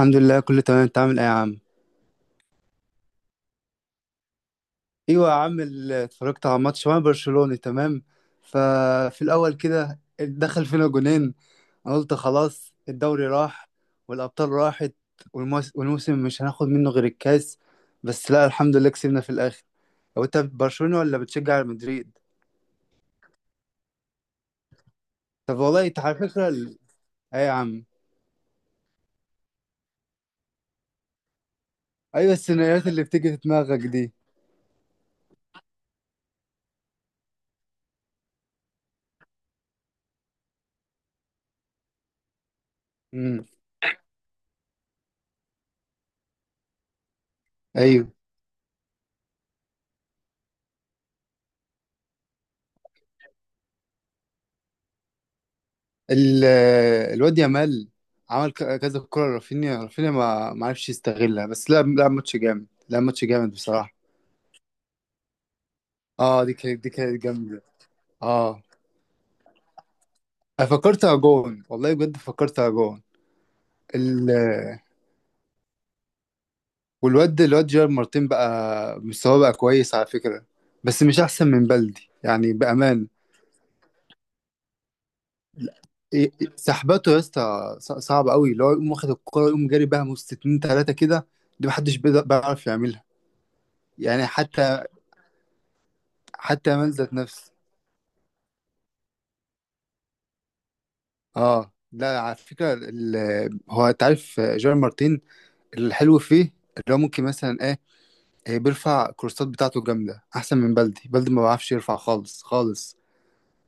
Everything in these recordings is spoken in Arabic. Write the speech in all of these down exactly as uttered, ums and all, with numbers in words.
الحمد لله كله تمام. انت عامل ايه يا عم؟ ايوه يا عم، ال- اتفرجت على ماتش وانا برشلوني تمام. ففي الاول كده دخل فينا جونين، انا قلت خلاص الدوري راح والابطال راحت والموس- والموسم مش هناخد منه غير الكاس. بس لا، الحمد لله كسبنا في الاخر. هو انت برشلوني ولا بتشجع على مدريد؟ طب والله انت على فكره ال... ايه يا عم؟ ايوه، السيناريوهات اللي بتيجي في دماغك دي. امم. ال- الواد يامال عمل ك- كذا كرة. رافينيا رافينيا ما ما عرفش يستغلها. بس لا لا، ماتش جامد، لا ماتش جامد بصراحة. اه دي كانت دي كانت جامدة اه. أنا فكرتها جون، والله بجد فكرتها جون. ال والواد الواد جيرار مارتين بقى مستواه بقى كويس على فكرة، بس مش أحسن من بلدي يعني بأمان. إيه- إيه، سحباته يا اسطى، ص- صعب قوي اللي هو يقوم واخد الكرة يقوم جاري بيها من ستين تلاتة كده. دي محدش بيقدر- بيعرف يعملها. يعني حتى حتى يامال ذات نفس اه. لا على فكره، ال- هو انت عارف جيرار مارتين الحلو فيه؟ اللي هو ممكن مثلا ايه. إيه بيرفع الكورسات بتاعته جامده، احسن من بلدي. بلدي ما بعرفش يرفع خالص خالص.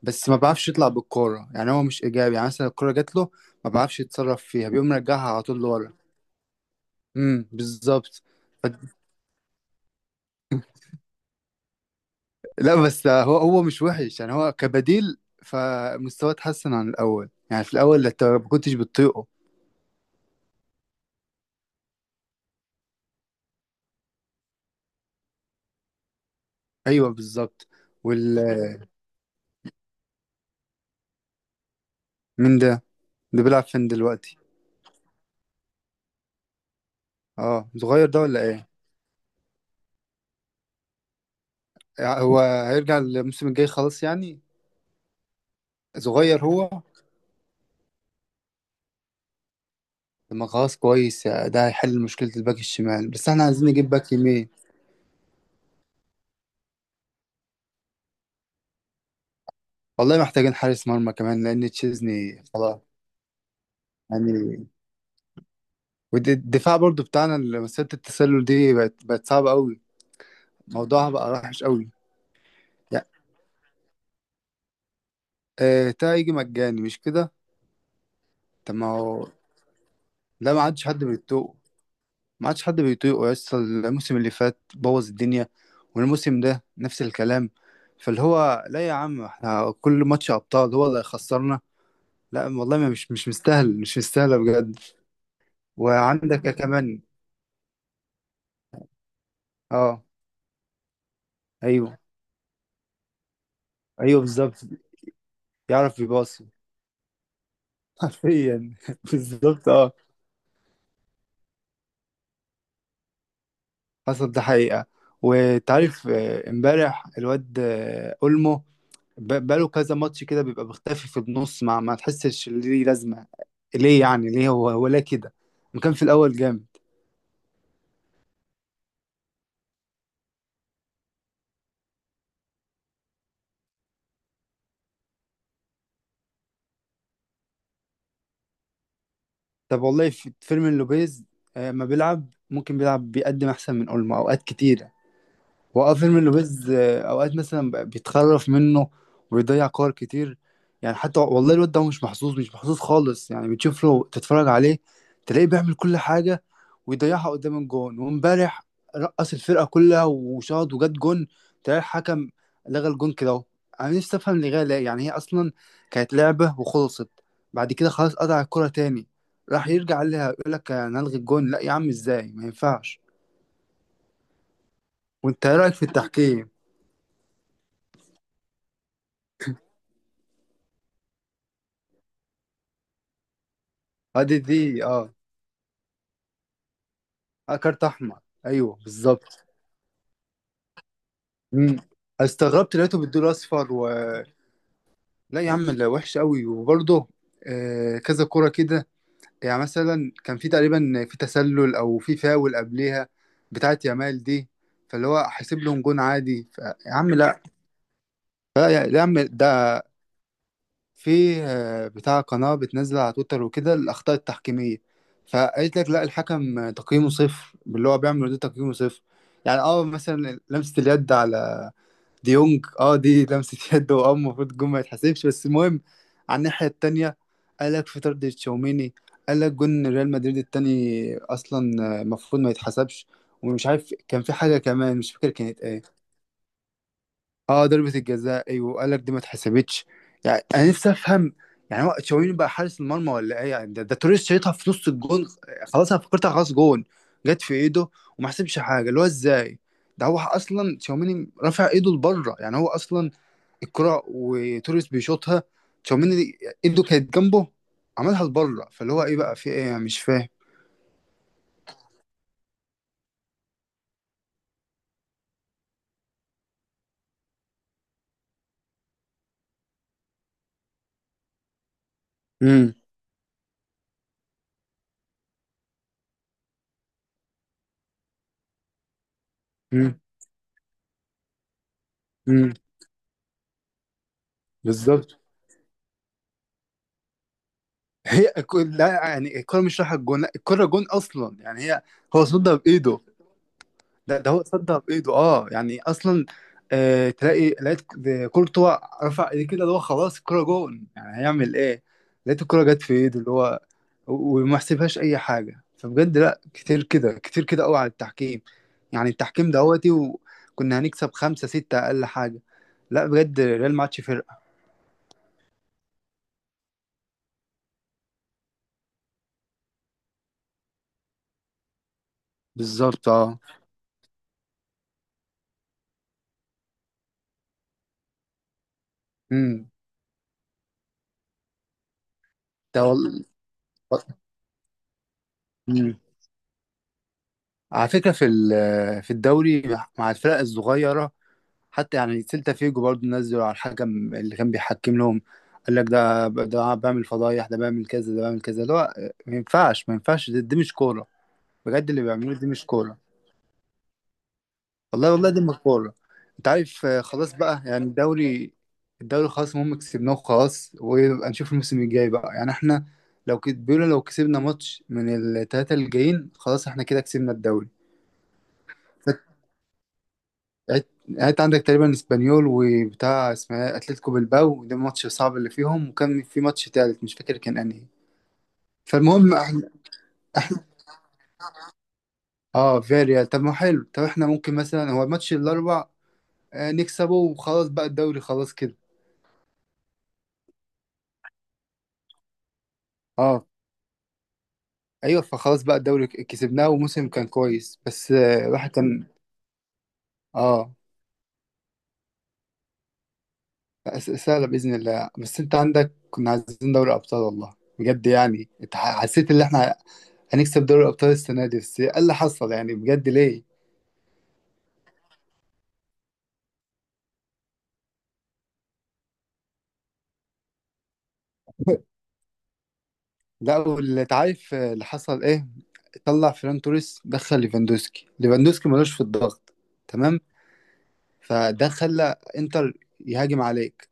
بس ما بعرفش يطلع بالكوره، يعني هو مش ايجابي. يعني مثلا الكوره جات له ما بعرفش يتصرف فيها، بيقوم مرجعها على طول لورا. امم، بالظبط. ف- لا بس هو هو مش وحش يعني، هو كبديل. فمستواه اتحسن عن الاول، يعني في الاول انت ما كنتش بتطيقه. ايوه بالظبط. وال مين ده؟ اللي بيلعب فين دلوقتي؟ اه صغير ده ولا ايه؟ يعني هو هيرجع الموسم الجاي خلاص يعني؟ صغير هو؟ طب ما خلاص كويس، ده هيحل مشكلة الباك الشمال، بس احنا عايزين نجيب باك يمين. والله محتاجين حارس مرمى كمان لان تشيزني خلاص. يعني والدفاع برضو بتاعنا، اللي مسيرة التسلل دي بقت بقت صعبة قوي. موضوعها بقى وحش قوي. يعني آه، تا يجي مجاني مش كده؟ طب ما هو، لا ما عادش حد بيتوق، ما عادش حد بيطيقه يسطا. الموسم اللي فات بوظ الدنيا، والموسم ده نفس الكلام. فاللي هو لا يا عم، احنا كل ماتش ابطال هو اللي هيخسرنا. لا والله، ما- مش مش مستاهل، مش مستاهله بجد. وعندك كمان. اه. ايوه ايوه بالظبط. يعرف يباصي، حرفيا بالظبط اه. حصل ده حقيقه. وتعرف آه، امبارح الواد آه، اولمو ب- بقاله كذا ماتش كده بيبقى مختفي في النص، ما, ما تحسش ليه لازمة. ليه يعني، ليه هو هو ليه كده؟ ما كان في الأول جامد. طب والله في فيرمين لوبيز آه، ما بيلعب، ممكن بيلعب بيقدم أحسن من أولمو أوقات كتير. وفيلم لويز آه، اوقات مثلا ب- بيتخرف منه وبيضيع كور كتير. يعني حتى والله الواد ده مش محظوظ، مش محظوظ خالص. يعني بتشوف له، تتفرج عليه تلاقيه بيعمل كل حاجة ويضيعها قدام الجون. وامبارح رقص الفرقة كلها وشاط وجات جون، تلاقي الحكم لغى الجون كده اهو. انا نفسي افهم لغاية ليه، يعني هي اصلا كانت لعبة وخلصت، بعد كده خلاص قطع الكرة تاني، راح يرجع لها يقول لك هنلغي الجون. لا يا عم ازاي، ما ينفعش. وانت ايه رأيك في التحكيم؟ ادي دي دي اه. آه، كارت احمر. ايوه بالظبط. امم. استغربت لقيته بالدول اصفر و... لا يا عم لا، وحش قوي. وبرضه آه كذا كرة كده. يعني مثلا كان في تقريبا في تسلل او في فاول قبليها، بتاعت يامال دي. فاللي هو حاسب لهم جون عادي. ف... يا عم لا. لا يا لا يا عم، ده في آه، بتاع قناة بتنزل على تويتر وكده الأخطاء التحكيمية. فقالت لك لا، الحكم تقييمه صفر، اللي هو بيعمل ده تقييمه صفر. يعني اه، مثلا لمسة اليد على ديونج، اه دي لمسة يد، واه المفروض الجون ما يتحسبش. بس المهم على الناحية التانية، قالك في طرد تشاوميني، قالك جون ريال مدريد التاني أصلا آه، المفروض ما يتحسبش. ومش عارف كان في حاجة كمان، مش فاكر كانت ايه. اه ضربة الجزاء، ايوه قالك دي ما اتحسبتش. يعني أنا نفسي أفهم، يعني هو تشاوميني بقى حارس المرمى ولا ايه يعني؟ ده, ده توريس شايطها في نص الجون، خلاص أنا فكرتها خلاص جون. جت في إيده وما حسبش حاجة، اللي هو ازاي. ده هو اصلا تشاوميني رافع ايده لبره، يعني هو اصلا الكرة وتوريس بيشوطها، تشاوميني ايده كانت جنبه، عملها لبره. فاللي هو ايه بقى، في ايه أنا مش فاهم. امم. امم. امم. بالظبط. هي الك- لا يعني الكرة مش رايحة الجون، لا الكرة جون اصلا يعني هي هو صدها بايده. ده ده هو صدق بايده، اه يعني اصلا. آه تلاقي لقيت ك- كورتوا رفع ايديه كده، اللي هو خلاص الكرة جون يعني هيعمل ايه. لقيت الكرة جت في ايده اللي هو و- وما حسبهاش اي حاجة. فبجد لا، كتير كده، كتير كده قوي على التحكيم. يعني التحكيم دهوتي، وكنا هنكسب خمسة ستة اقل حاجة. لا بجد ريال ما عادش فرقة. بالظبط اه. امم. ده والله. مم. على فكرة في ال- في الدوري مع الفرق الصغيرة، حتى يعني سيلتا فيجو برضه نزلوا على الحكم اللي كان بيحكم لهم. قال لك ده ده بعمل فضايح، ده بعمل كذا، ده بعمل كذا. اللي هو ما ينفعش، ما ينفعش. دي, دي مش كورة، بجد اللي بيعملوه دي مش كورة. والله والله دي مش كورة. انت عارف آه، خلاص بقى يعني الدوري، الدوري خلاص المهم كسبناه وخلاص. ويبقى نشوف الموسم الجاي بقى. يعني احنا لو كت- بيقولوا لو كسبنا ماتش من التلاتة اللي جايين، خلاص احنا كده كسبنا الدوري. يعني يعني انت عندك تقريبا اسبانيول وبتاع اسمها ايه؟ اتلتيكو بالباو. ده الماتش الصعب اللي فيهم. وكان في ماتش تالت مش فاكر كان انهي. فالمهم احنا اه فياريال. طب ما حلو، طب احنا ممكن مثلا هو الماتش الاربع آه، نكسبه وخلاص بقى الدوري خلاص كده. اه ايوه، فخلاص بقى الدوري ك- كسبناه، وموسم كان كويس. بس آه، الواحد كان اه س- سهله باذن الله. بس انت عندك كنا عايزين دوري ابطال، والله بجد يعني انت ح- حسيت ان احنا هنكسب دوري الابطال السنه دي، بس ايه اللي حصل يعني بجد ليه. لا، واللي عارف اللي حصل ايه، طلع فيران توريس دخل ليفاندوسكي، ليفاندوسكي ملوش في الضغط تمام. فده خلى انتر يهاجم عليك.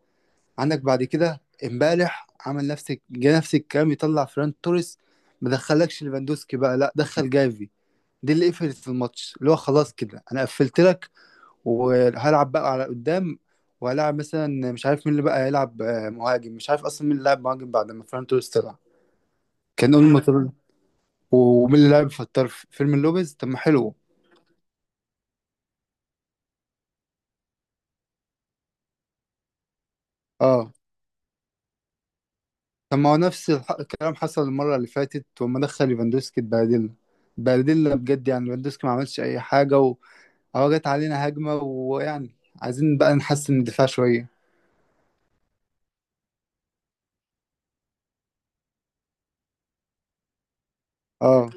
عندك بعد كده امبارح عمل نفس، جه نفس الكلام، يطلع فيران توريس، ما دخلكش ليفاندوسكي بقى، لا دخل جافي. دي اللي قفلت الماتش، اللي هو خلاص كده انا قفلت لك وهلعب بقى على قدام. وهلعب مثلا مش عارف مين اللي بقى هيلعب آه، مهاجم. مش عارف اصلا مين اللي لعب مهاجم بعد ما فيران توريس طلع. كان اول ما ومين اللي لعب فتار في فيلم لوبيز. طب ما حلو اه. طب ما هو نفس الح- الكلام حصل المرة اللي فاتت، وما دخل ليفاندوسكي اتبهدلنا. اتبهدلنا بجد، يعني ليفاندوسكي ما عملش أي حاجة وهو جت علينا هجمة، ويعني عايزين بقى نحسن الدفاع شوية. اه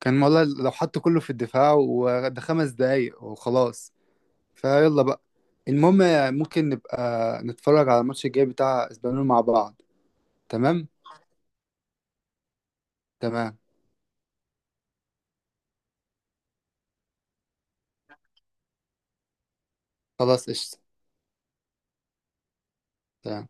كان والله لو حطوا كله في الدفاع وده خمس دقايق وخلاص فيلا بقى. المهم ممكن نبقى نتفرج على الماتش الجاي بتاع اسبانيول مع بعض. تمام. تمام. خلاص قشطة. تمام.